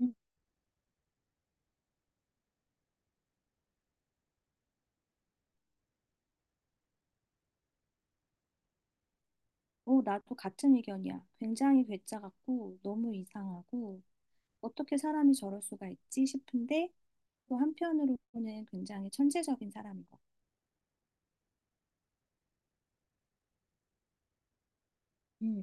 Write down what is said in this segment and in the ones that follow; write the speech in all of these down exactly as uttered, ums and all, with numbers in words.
음, 어, 나도 같은 의견이야. 굉장히 괴짜 같고 너무 이상하고 어떻게 사람이 저럴 수가 있지 싶은데 또 한편으로는 굉장히 천재적인 사람인 것 같아. 음,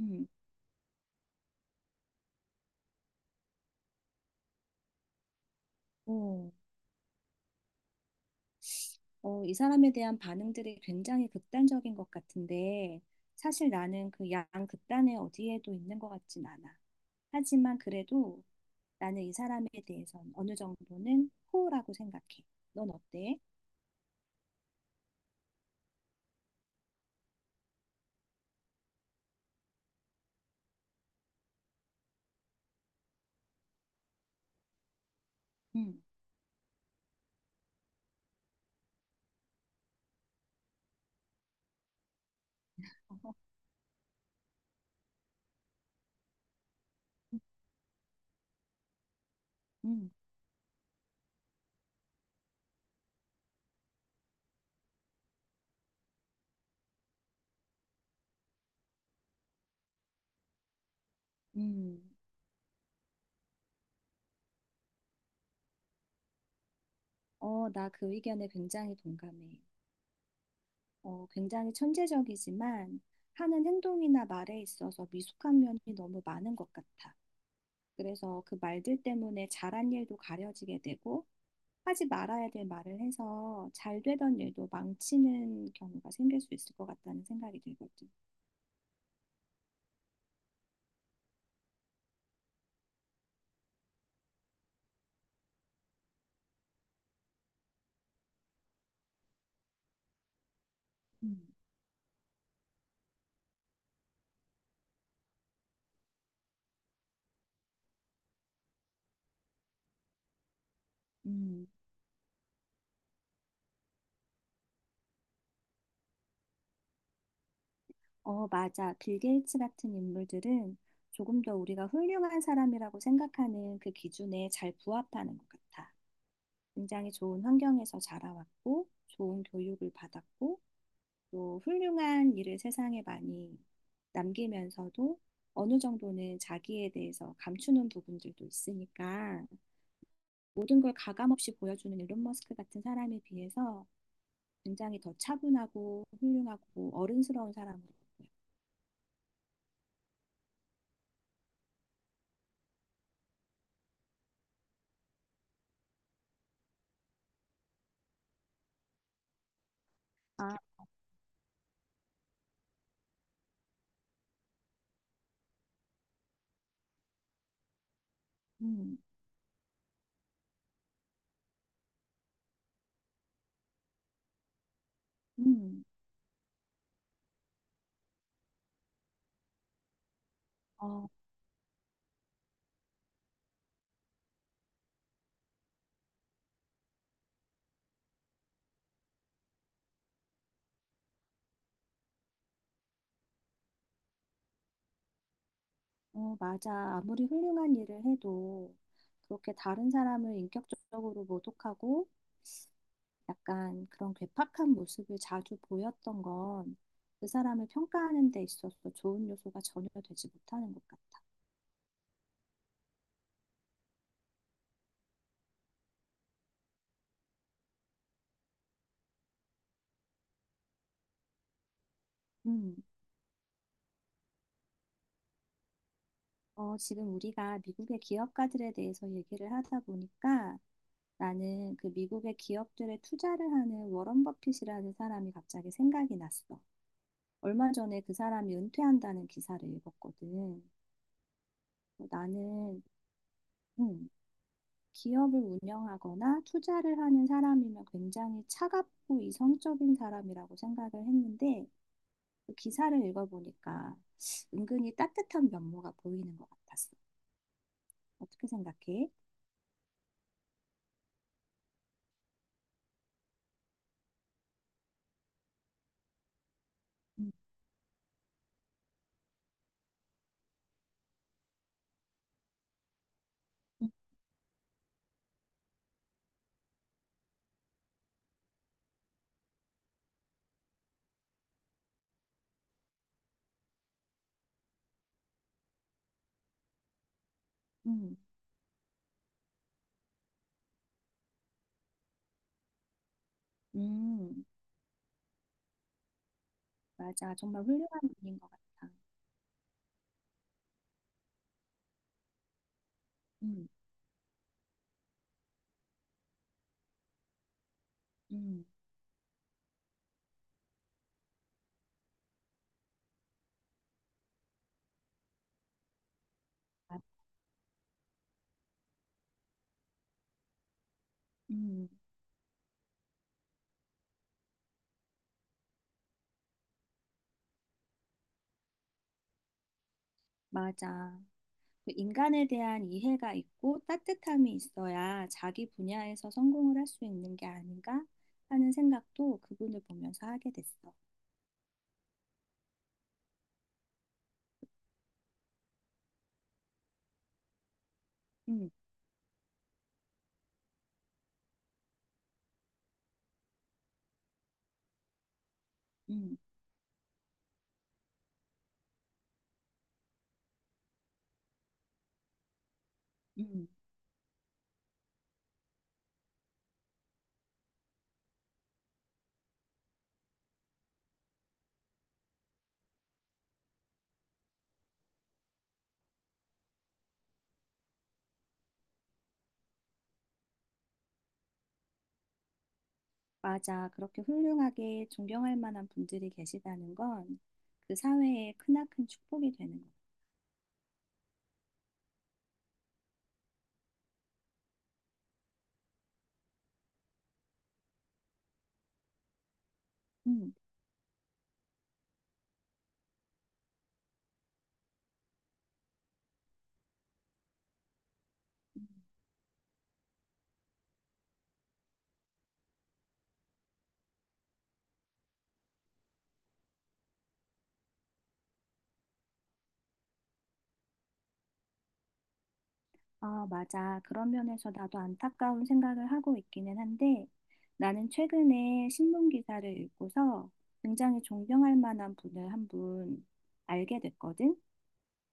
음. 어, 어, 이 사람에 대한 반응들이 굉장히 극단적인 것 같은데 사실 나는 그 양 극단에 어디에도 있는 것 같진 않아. 하지만 그래도 나는 이 사람에 대해선 어느 정도는 호우라고 생각해. 넌 어때? 음, 음, 음. 어, 나 그 의견에 굉장히 동감해. 어, 굉장히 천재적이지만 하는 행동이나 말에 있어서 미숙한 면이 너무 많은 것 같아. 그래서 그 말들 때문에 잘한 일도 가려지게 되고 하지 말아야 될 말을 해서 잘 되던 일도 망치는 경우가 생길 수 있을 것 같다는 생각이 들거든. 음. 음, 어, 맞아. 빌 게이츠 같은 인물들은 조금 더 우리가 훌륭한 사람이라고 생각하는 그 기준에 잘 부합하는 것 같아. 굉장히 좋은 환경에서 자라왔고, 좋은 교육을 받았고, 또 훌륭한 일을 세상에 많이 남기면서도 어느 정도는 자기에 대해서 감추는 부분들도 있으니까 모든 걸 가감 없이 보여주는 일론 머스크 같은 사람에 비해서 굉장히 더 차분하고 훌륭하고 어른스러운 사람으로 보여요. 아, 음, 음, 어, 어, 맞아. 아무리 훌륭한 일을 해도 그렇게 다른 사람을 인격적으로 모독하고 약간 그런 괴팍한 모습을 자주 보였던 건 그 사람을 평가하는 데 있어서 좋은 요소가 전혀 되지 못하는 것 같아. 음, 어, 지금 우리가 미국의 기업가들에 대해서 얘기를 하다 보니까 나는 그 미국의 기업들에 투자를 하는 워런 버핏이라는 사람이 갑자기 생각이 났어. 얼마 전에 그 사람이 은퇴한다는 기사를 읽었거든. 어, 나는 음, 기업을 운영하거나 투자를 하는 사람이면 굉장히 차갑고 이성적인 사람이라고 생각을 했는데 그 기사를 읽어보니까 은근히 따뜻한 면모가 보이는 것 같았어. 어떻게 생각해? 음, 음, 음, 음, 맞아. 정말 훌륭한 분인 것 같아. 음, 음, 아, 음, 맞아. 그 인간에 대한 이해가 있고 따뜻함이 있어야 자기 분야에서 성공을 할 수 있는 게 아닌가 하는 생각도 그분을 보면서 하게 됐어. 음, 음, 음. 맞아. 그렇게 훌륭하게 존경할 만한 분들이 계시다는 건 그 사회의 크나큰 축복이 되는 거. 음. 음. 아, 맞아. 그런 면에서 나도 안타까운 생각을 하고 있기는 한데 나는 최근에 신문 기사를 읽고서 굉장히 존경할 만한 분을 한 분 알게 됐거든.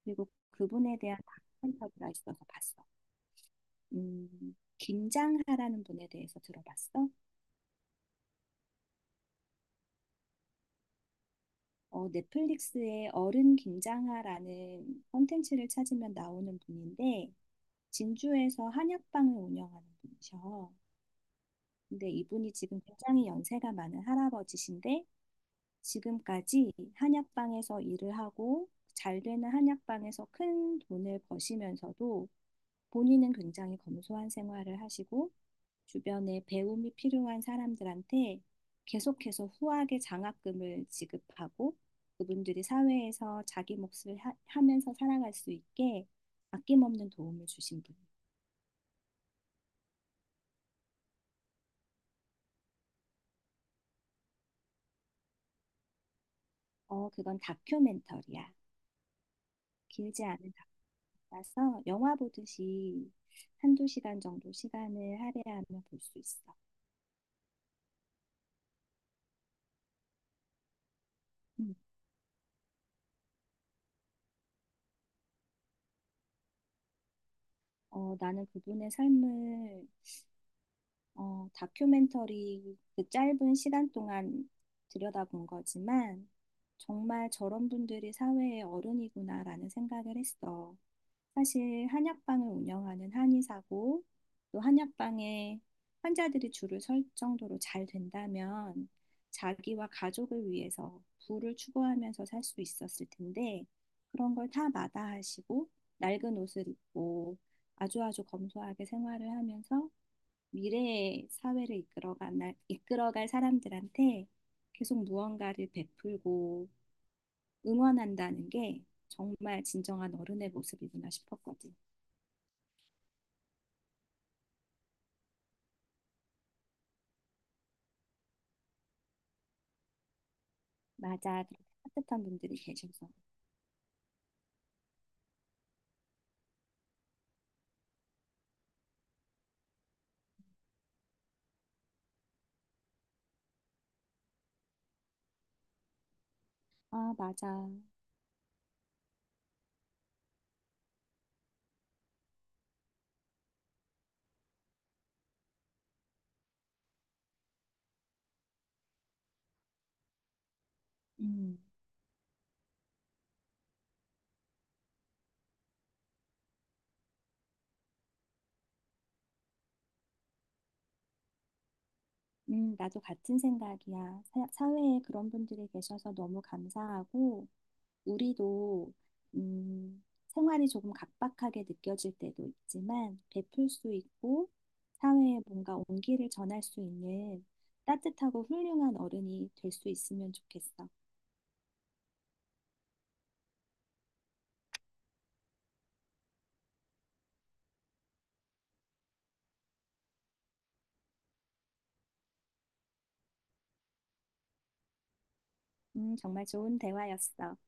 그리고 그분에 대한 다큐멘터리가 있어서 봤어. 음, 김장하라는 분에 대해서 들어봤어? 어, 넷플릭스의 어른 김장하라는 콘텐츠를 찾으면 나오는 분인데, 진주에서 한약방을 운영하는 분이셔. 근데 이분이 지금 굉장히 연세가 많은 할아버지신데, 지금까지 한약방에서 일을 하고, 잘 되는 한약방에서 큰 돈을 버시면서도 본인은 굉장히 검소한 생활을 하시고 주변에 배움이 필요한 사람들한테 계속해서 후하게 장학금을 지급하고 그분들이 사회에서 자기 몫을 하, 하면서 살아갈 수 있게 아낌없는 도움을 주신 분. 어, 그건 다큐멘터리야. 길지 않은 다큐라서 영화 보듯이 한두 시간 정도 시간을 할애하면 볼 수 있어. 음. 어, 나는 그분의 삶을 어, 다큐멘터리 그 짧은 시간 동안 들여다본 거지만 정말 저런 분들이 사회의 어른이구나라는 생각을 했어. 사실 한약방을 운영하는 한의사고 또 한약방에 환자들이 줄을 설 정도로 잘 된다면 자기와 가족을 위해서 부를 추구하면서 살 수 있었을 텐데 그런 걸 다 마다하시고 낡은 옷을 입고 아주아주 검소하게 생활을 하면서 미래의 사회를 이끌어간, 날- 이끌어갈 사람들한테 계속 무언가를 베풀고 응원한다는 게 정말 진정한 어른의 모습이구나 싶었거든. 맞아. 그렇게 따뜻한 분들이 계셔서. 아, 맞아. 음. 음, 나도 같은 생각이야. 사- 사회에 그런 분들이 계셔서 너무 감사하고, 우리도, 음, 생활이 조금 각박하게 느껴질 때도 있지만, 베풀 수 있고, 사회에 뭔가 온기를 전할 수 있는 따뜻하고 훌륭한 어른이 될 수 있으면 좋겠어. 음, 정말 좋은 대화였어.